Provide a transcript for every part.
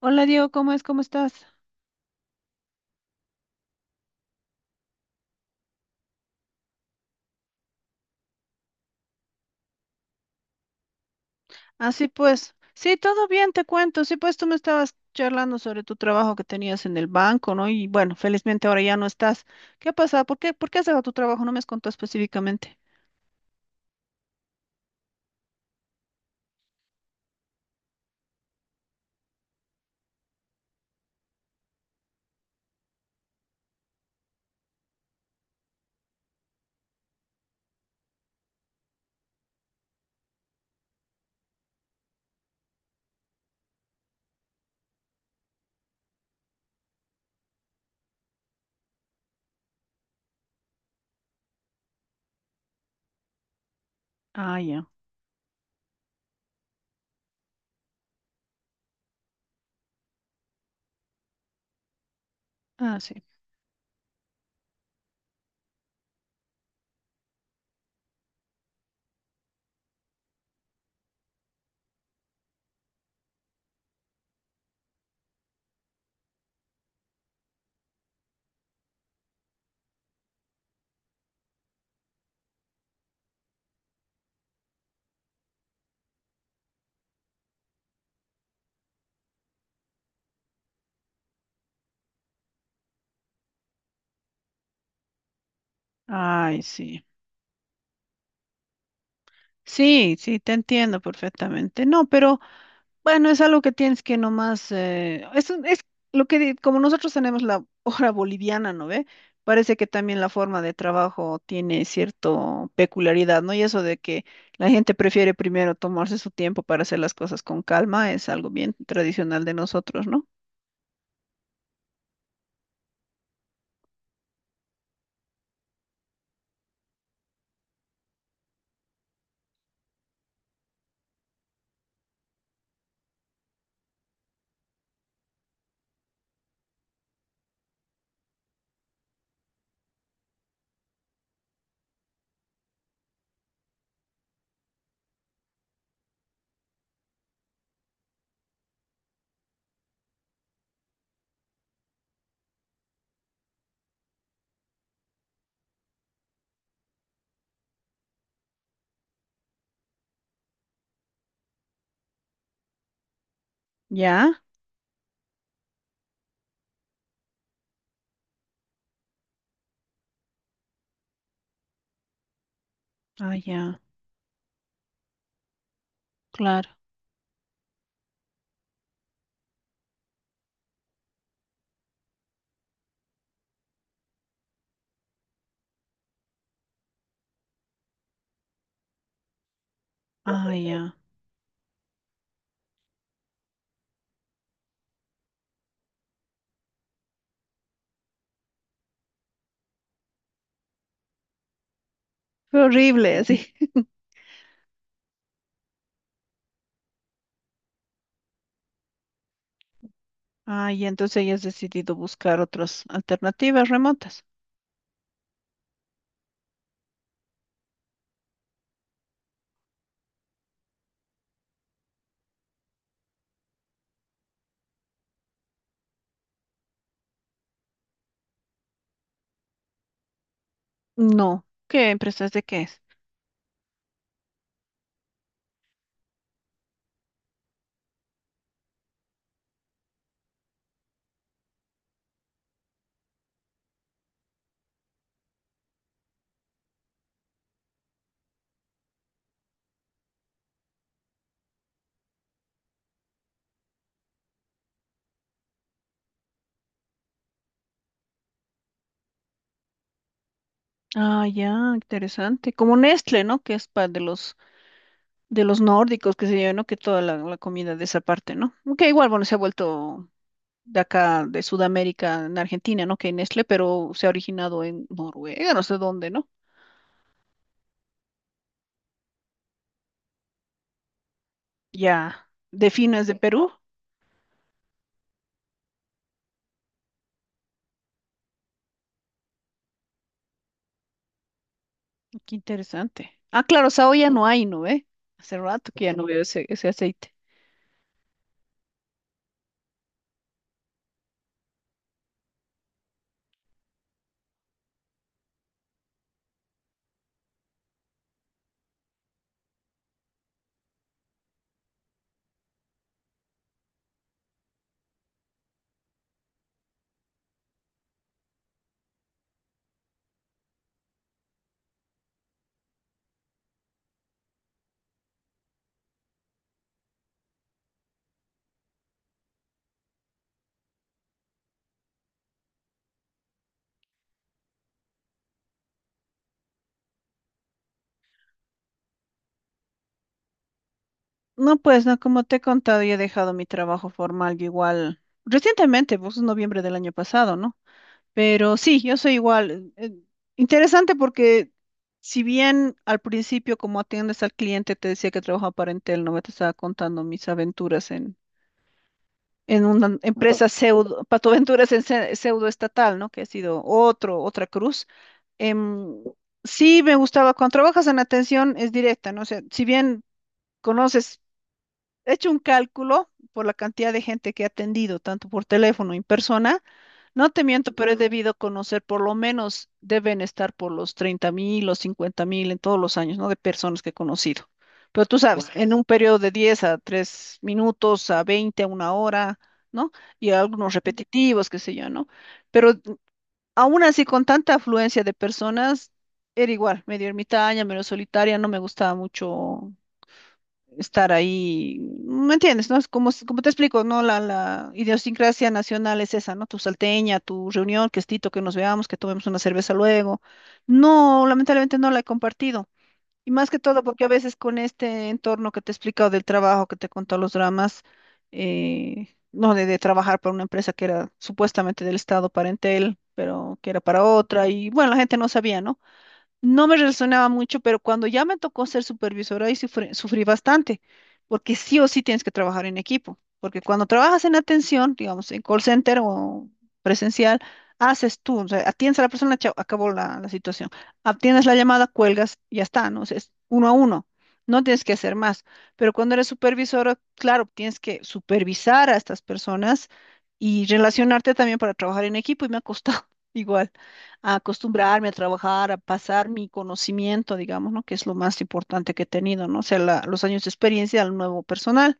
Hola Diego, ¿cómo es? ¿Cómo estás? Así pues, sí, todo bien, te cuento. Sí, pues tú me estabas charlando sobre tu trabajo que tenías en el banco, ¿no? Y bueno, felizmente ahora ya no estás. ¿Qué ha pasado? ¿Por qué has dejado tu trabajo? No me has contado específicamente. Ah, ya. Ah, sí. Ay, sí. Sí, sí, te entiendo perfectamente. No, pero bueno, es algo que tienes que nomás, es, es lo que, como nosotros tenemos la hora boliviana, ¿no ve? Parece que también la forma de trabajo tiene cierta peculiaridad, ¿no? Y eso de que la gente prefiere primero tomarse su tiempo para hacer las cosas con calma es algo bien tradicional de nosotros, ¿no? ¿Ya? Ah, ya, claro. Ah, ya. Fue horrible, así. Ah, ya, entonces ella has decidido buscar otras alternativas remotas. No. ¿Qué empresa es de qué es? Ah, ya, interesante. Como Nestlé, ¿no? Que es para de los nórdicos, que se llevan, ¿no? Que toda la, la comida de esa parte, ¿no? Que igual, bueno, se ha vuelto de acá, de Sudamérica, en Argentina, ¿no? Que hay Nestlé, pero se ha originado en Noruega, no sé dónde, ¿no? Ya, de Fino es de Perú. Qué interesante. Ah, claro, Sao ya no hay, ¿no? ¿Eh? Hace rato que ya no veo ese, ese aceite. No, pues, no, como te he contado, yo he dejado mi trabajo formal, yo igual, recientemente, pues, en noviembre del año pasado, ¿no? Pero sí, yo soy igual. Interesante porque si bien al principio como atiendes al cliente te decía que trabajaba para Entel, no me te estaba contando mis aventuras en una empresa pseudo, patoaventuras en pseudo estatal, ¿no? Que ha sido otro, otra cruz. Em, sí, me gustaba. Cuando trabajas en atención es directa, ¿no? O sea, si bien conoces, he hecho un cálculo por la cantidad de gente que he atendido, tanto por teléfono y en persona. No te miento, pero he debido conocer, por lo menos deben estar por los 30.000 o 50.000 en todos los años, ¿no? De personas que he conocido. Pero tú guau, sabes, guau, en un periodo de 10 a 3 minutos, a 20, a una hora, ¿no? Y algunos repetitivos, qué sé yo, ¿no? Pero aún así, con tanta afluencia de personas, era igual, medio ermitaña, medio solitaria, no me gustaba mucho estar ahí, ¿me entiendes? ¿No? Es como, como te explico, ¿no? La idiosincrasia nacional es esa, ¿no? Tu salteña, tu reunión, que estito, que nos veamos, que tomemos una cerveza luego. No, lamentablemente no la he compartido. Y más que todo porque a veces con este entorno que te he explicado del trabajo, que te he contado los dramas, no, de trabajar para una empresa que era supuestamente del Estado parentel, pero que era para otra, y bueno, la gente no sabía, ¿no? No me relacionaba mucho, pero cuando ya me tocó ser supervisora, ahí sufrí, sufrí bastante, porque sí o sí tienes que trabajar en equipo, porque cuando trabajas en atención, digamos, en call center o presencial, haces tú, o sea, atiendes a la persona, chao, acabó la, la situación, atiendes la llamada, cuelgas, ya está, ¿no? O sea, es uno a uno. No tienes que hacer más, pero cuando eres supervisora, claro, tienes que supervisar a estas personas y relacionarte también para trabajar en equipo y me ha costado igual a acostumbrarme a trabajar, a pasar mi conocimiento, digamos, ¿no? Que es lo más importante que he tenido, ¿no? O sea, los años de experiencia al nuevo personal.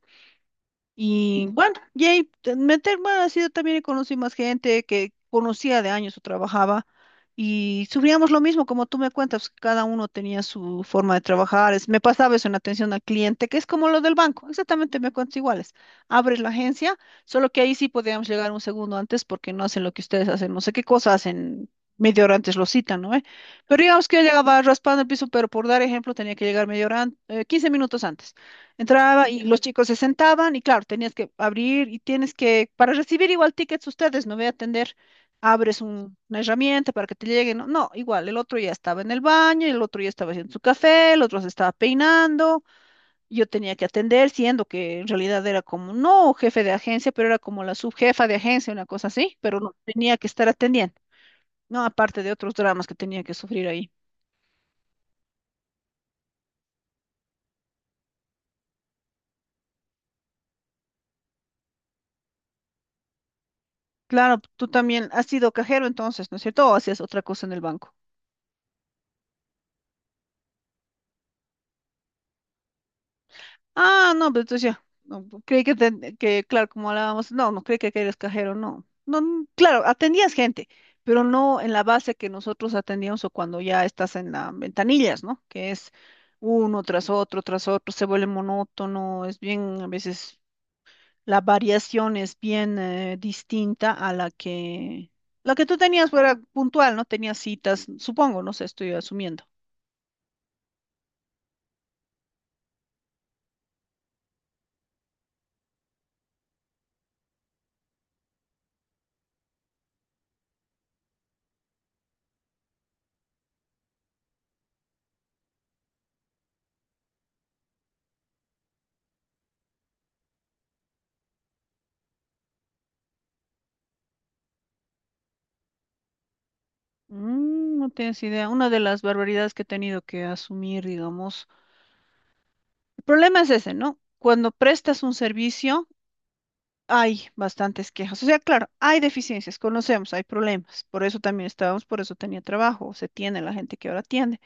Y bueno, y ahí meterme ha sido también y conocí más gente que conocía de años o trabajaba y sufríamos lo mismo, como tú me cuentas, cada uno tenía su forma de trabajar. Es, me pasaba eso en atención al cliente, que es como lo del banco, exactamente me cuentas iguales. Abres la agencia, solo que ahí sí podíamos llegar un segundo antes porque no hacen lo que ustedes hacen, no sé qué cosa hacen. Media hora antes lo citan, ¿no? ¿Eh? Pero digamos que yo llegaba raspando el piso, pero por dar ejemplo tenía que llegar media hora, 15 minutos antes. Entraba y los chicos se sentaban y claro, tenías que abrir y tienes que, para recibir igual tickets ustedes, no voy a atender, abres una herramienta para que te lleguen. No, no, igual, el otro ya estaba en el baño, el otro ya estaba haciendo su café, el otro se estaba peinando, yo tenía que atender, siendo que en realidad era como, no jefe de agencia, pero era como la subjefa de agencia, una cosa así, pero no tenía que estar atendiendo, no, aparte de otros dramas que tenía que sufrir ahí. Claro, tú también has sido cajero entonces, ¿no es cierto? ¿O hacías otra cosa en el banco? Ah, no, pues entonces ya. No, creí que, que, claro, como hablábamos, no creí que eres cajero, no. No, claro, atendías gente, pero no en la base que nosotros atendíamos o cuando ya estás en las ventanillas, ¿no? Que es uno tras otro, se vuelve monótono, es bien, a veces la variación es bien distinta a la que tú tenías fuera puntual, ¿no? Tenías citas, supongo, no sé, estoy asumiendo. Mm, no tienes idea. Una de las barbaridades que he tenido que asumir, digamos, el problema es ese, ¿no? Cuando prestas un servicio, hay bastantes quejas. O sea, claro, hay deficiencias, conocemos, hay problemas. Por eso también estábamos, por eso tenía trabajo, se tiene la gente que ahora tiene.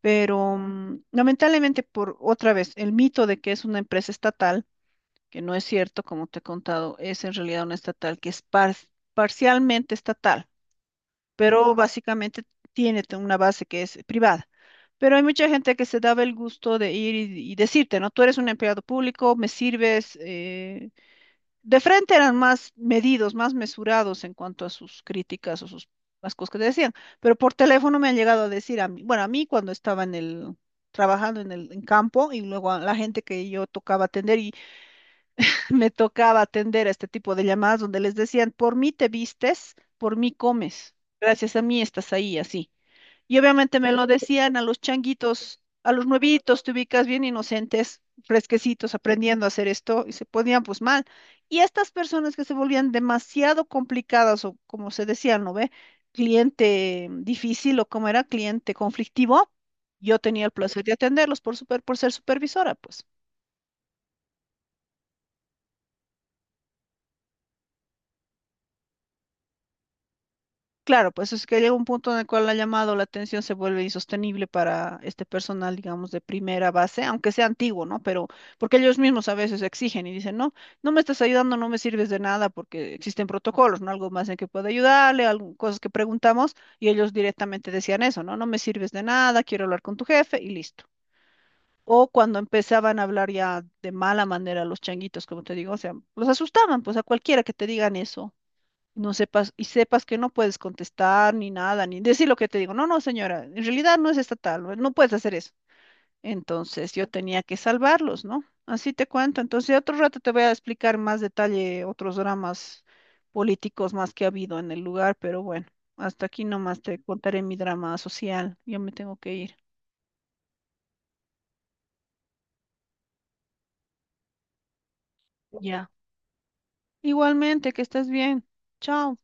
Pero mm, lamentablemente, por otra vez, el mito de que es una empresa estatal, que no es cierto, como te he contado, es en realidad una estatal que es parcialmente estatal pero básicamente tiene una base que es privada. Pero hay mucha gente que se daba el gusto de ir y decirte, ¿no? Tú eres un empleado público, me sirves. De frente eran más medidos, más mesurados en cuanto a sus críticas o sus, las cosas que te decían. Pero por teléfono me han llegado a decir a mí, bueno, a mí cuando estaba en el, trabajando en el en campo y luego a la gente que yo tocaba atender me tocaba atender a este tipo de llamadas donde les decían, por mí te vistes, por mí comes, gracias a mí estás ahí, así. Y obviamente me lo decían a los changuitos, a los nuevitos, te ubicas bien inocentes, fresquecitos, aprendiendo a hacer esto, y se ponían pues mal. Y estas personas que se volvían demasiado complicadas, o como se decía, ¿no ve? Cliente difícil, o como era, cliente conflictivo, yo tenía el placer de atenderlos por, super, por ser supervisora, pues. Claro, pues es que llega un punto en el cual la llamada o la atención se vuelve insostenible para este personal, digamos, de primera base, aunque sea antiguo, ¿no? Pero porque ellos mismos a veces exigen y dicen, no, no me estás ayudando, no me sirves de nada porque existen protocolos, ¿no? Algo más en que pueda ayudarle, algo- cosas que preguntamos y ellos directamente decían eso, ¿no? No me sirves de nada, quiero hablar con tu jefe y listo. O cuando empezaban a hablar ya de mala manera los changuitos, como te digo, o sea, los asustaban, pues a cualquiera que te digan eso no sepas, y sepas que no puedes contestar ni nada, ni decir lo que te digo. No, no, señora, en realidad no es estatal, no, no puedes hacer eso. Entonces yo tenía que salvarlos, ¿no? Así te cuento. Entonces otro rato te voy a explicar más detalle otros dramas políticos más que ha habido en el lugar, pero bueno, hasta aquí nomás te contaré mi drama social. Yo me tengo que ir. Ya. Igualmente, que estés bien. Chao.